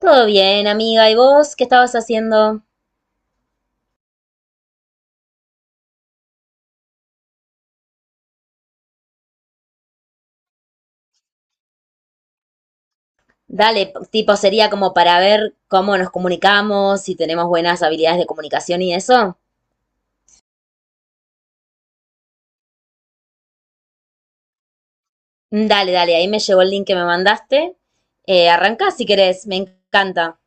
Todo bien, amiga. ¿Y vos qué estabas haciendo? Dale, tipo, sería como para ver cómo nos comunicamos, si tenemos buenas habilidades de comunicación y eso. Dale, dale, ahí me llegó el link que me mandaste. Arrancá si querés, me encanta.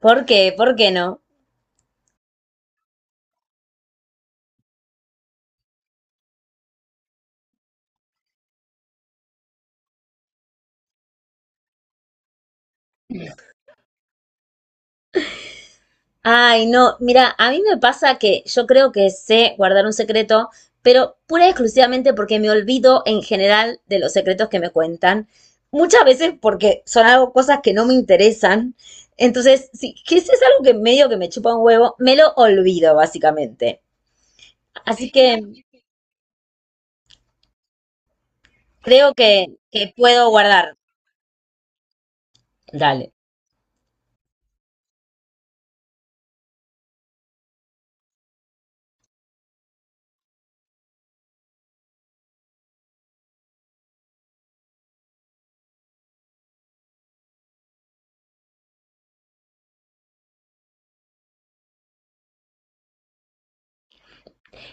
¿Por qué? ¿Por qué no? Ay, no, mira, a mí me pasa que yo creo que sé guardar un secreto, pero pura y exclusivamente porque me olvido en general de los secretos que me cuentan. Muchas veces porque son algo, cosas que no me interesan. Entonces, si, que si es algo que medio que me chupa un huevo, me lo olvido, básicamente. Así que creo que puedo guardar. Dale.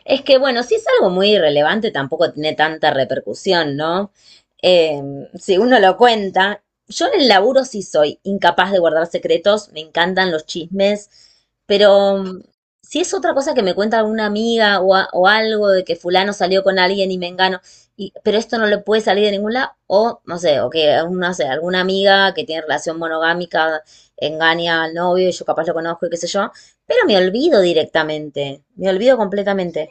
Es que, bueno, si es algo muy irrelevante, tampoco tiene tanta repercusión, ¿no? Eh, si uno lo cuenta, yo en el laburo sí soy incapaz de guardar secretos, me encantan los chismes, pero si es otra cosa que me cuenta alguna amiga o, o algo de que fulano salió con alguien y me engano, y, pero esto no le puede salir de ningún lado, o no sé, o que no sé, alguna amiga que tiene relación monogámica engaña al novio y yo capaz lo conozco y qué sé yo, pero me olvido directamente, me olvido completamente.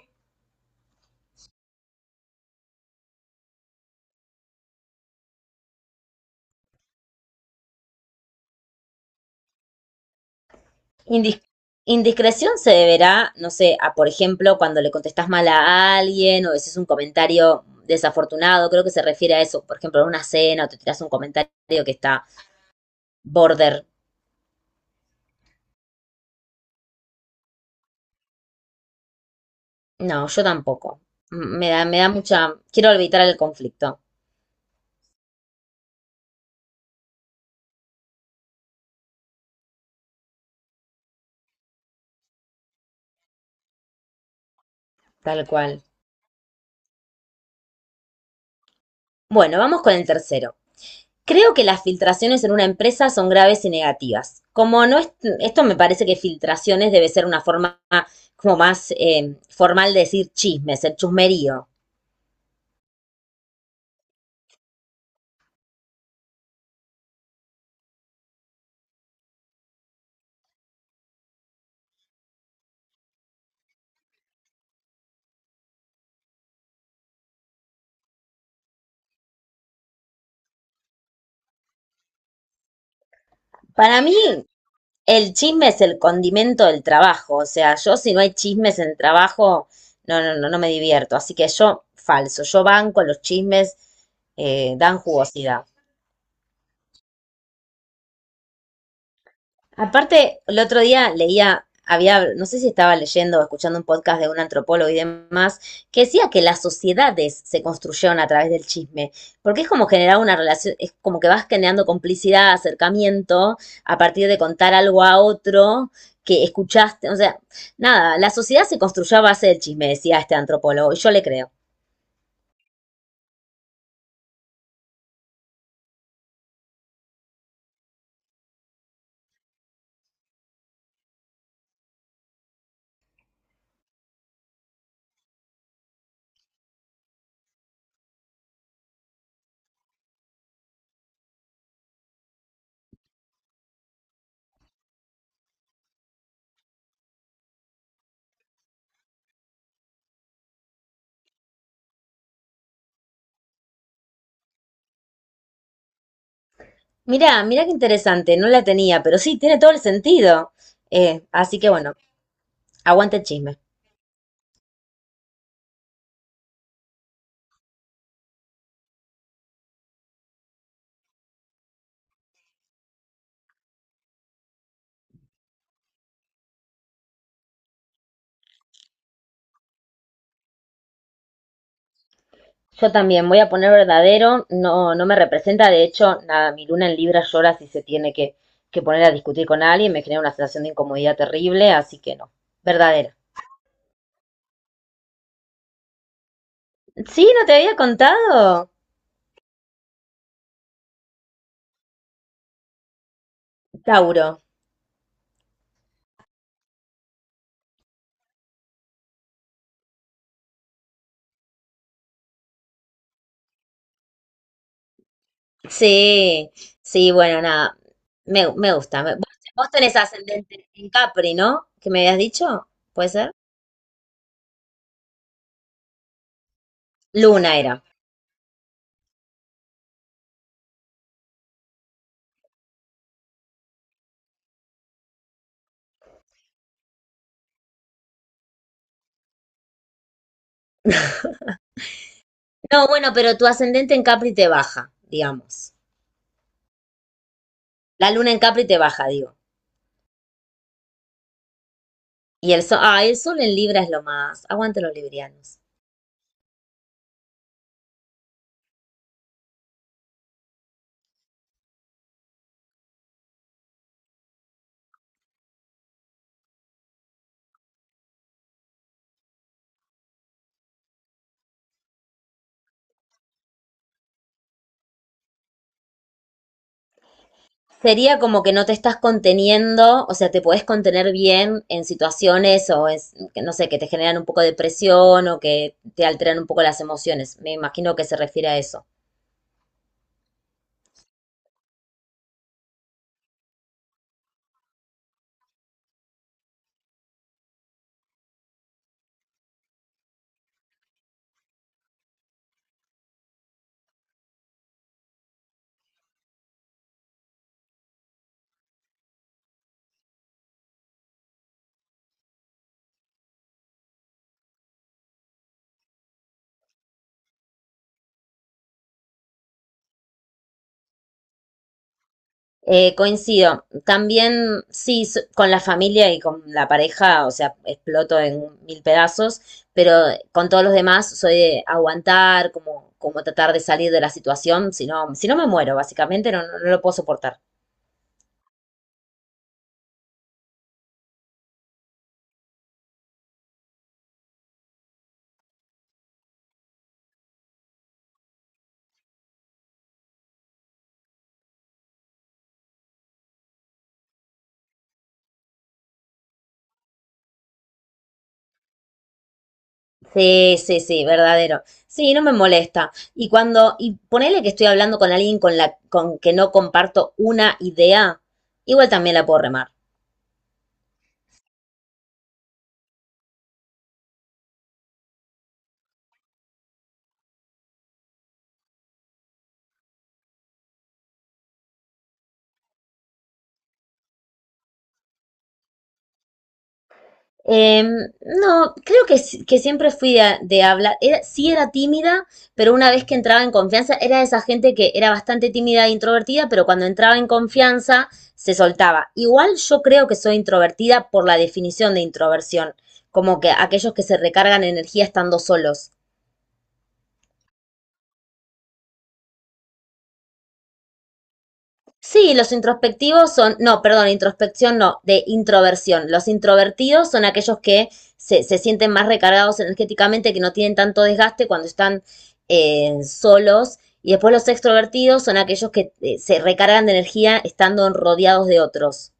Indis- Indiscreción se deberá, no sé, a por ejemplo, cuando le contestas mal a alguien o es un comentario desafortunado, creo que se refiere a eso, por ejemplo, en una cena o te tiras un comentario que está border. No, yo tampoco. Me da mucha, quiero evitar el conflicto, tal cual. Bueno, vamos con el tercero. Creo que las filtraciones en una empresa son graves y negativas. Como no es, esto me parece que filtraciones debe ser una forma como más formal de decir chismes, el chusmerío. Para mí, el chisme es el condimento del trabajo. O sea, yo si no hay chismes en trabajo, no me divierto. Así que yo, falso, yo banco los chismes, dan jugosidad. Aparte, el otro día leía, había, no sé si estaba leyendo o escuchando un podcast de un antropólogo y demás, que decía que las sociedades se construyeron a través del chisme, porque es como generar una relación, es como que vas generando complicidad, acercamiento, a partir de contar algo a otro que escuchaste, o sea, nada, la sociedad se construyó a base del chisme, decía este antropólogo, y yo le creo. Mirá, mirá qué interesante, no la tenía, pero sí, tiene todo el sentido. Así que bueno, aguante el chisme. Yo también voy a poner verdadero, no, no me representa, de hecho, nada, mi luna en Libra llora si se tiene que poner a discutir con alguien, me genera una sensación de incomodidad terrible, así que no, verdadero. Sí, no te había contado. Tauro. Sí, sí, bueno, nada, me gusta. Vos, vos tenés ascendente en Capri, ¿no? ¿Que me habías dicho? ¿Puede ser? Luna era. No, bueno, pero tu ascendente en Capri te baja, digamos. La luna en Capri te baja, digo. Y el sol, ah, el sol en Libra es lo más. Aguante los librianos. Sería como que no te estás conteniendo, o sea, te podés contener bien en situaciones o es, que no sé, que te generan un poco de presión o que te alteran un poco las emociones. Me imagino que se refiere a eso. Coincido. También, sí, con la familia y con la pareja, o sea, exploto en mil pedazos, pero con todos los demás soy de aguantar, como, como tratar de salir de la situación, si no, si no me muero, básicamente no, no lo puedo soportar. Sí, sí, sí, verdadero. Sí, no me molesta. Y cuando, y ponele que estoy hablando con alguien con la, con que no comparto una idea, igual también la puedo remar. Em, no, creo que, que siempre fui de hablar. Era, sí era tímida, pero una vez que entraba en confianza, era de esa gente que era bastante tímida e introvertida, pero cuando entraba en confianza se soltaba. Igual yo creo que soy introvertida por la definición de introversión, como que aquellos que se recargan energía estando solos. Sí, los introspectivos son, no, perdón, introspección no, de introversión. Los introvertidos son aquellos que se sienten más recargados energéticamente, que no tienen tanto desgaste cuando están solos. Y después los extrovertidos son aquellos que se recargan de energía estando rodeados de otros.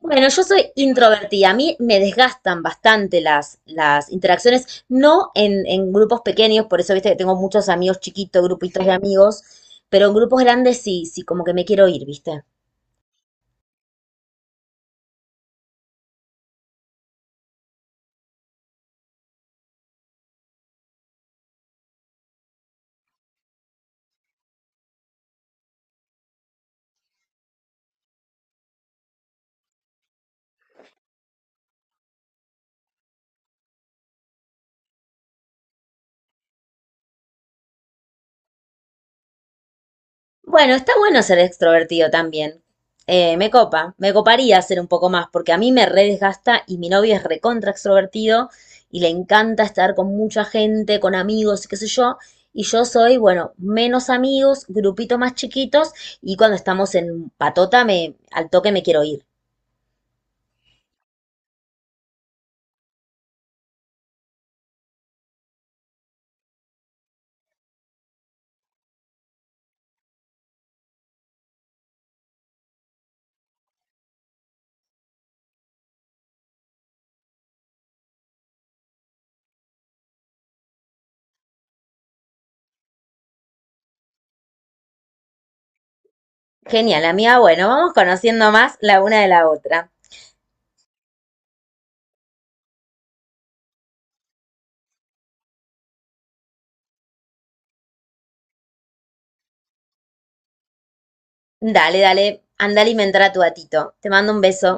Bueno, yo soy introvertida, a mí me desgastan bastante las interacciones, no en, en grupos pequeños, por eso viste que tengo muchos amigos chiquitos, grupitos de amigos, pero en grupos grandes sí, sí, como que me quiero ir, ¿viste? Bueno, está bueno ser extrovertido también. Me copa, me coparía ser un poco más, porque a mí me re desgasta y mi novio es recontra extrovertido y le encanta estar con mucha gente, con amigos y qué sé yo. Y yo soy, bueno, menos amigos, grupitos más chiquitos y cuando estamos en patota me, al toque me quiero ir. Genial, amiga. Bueno, vamos conociendo más la una de la otra. Dale, dale, anda a alimentar a tu gatito. Te mando un beso.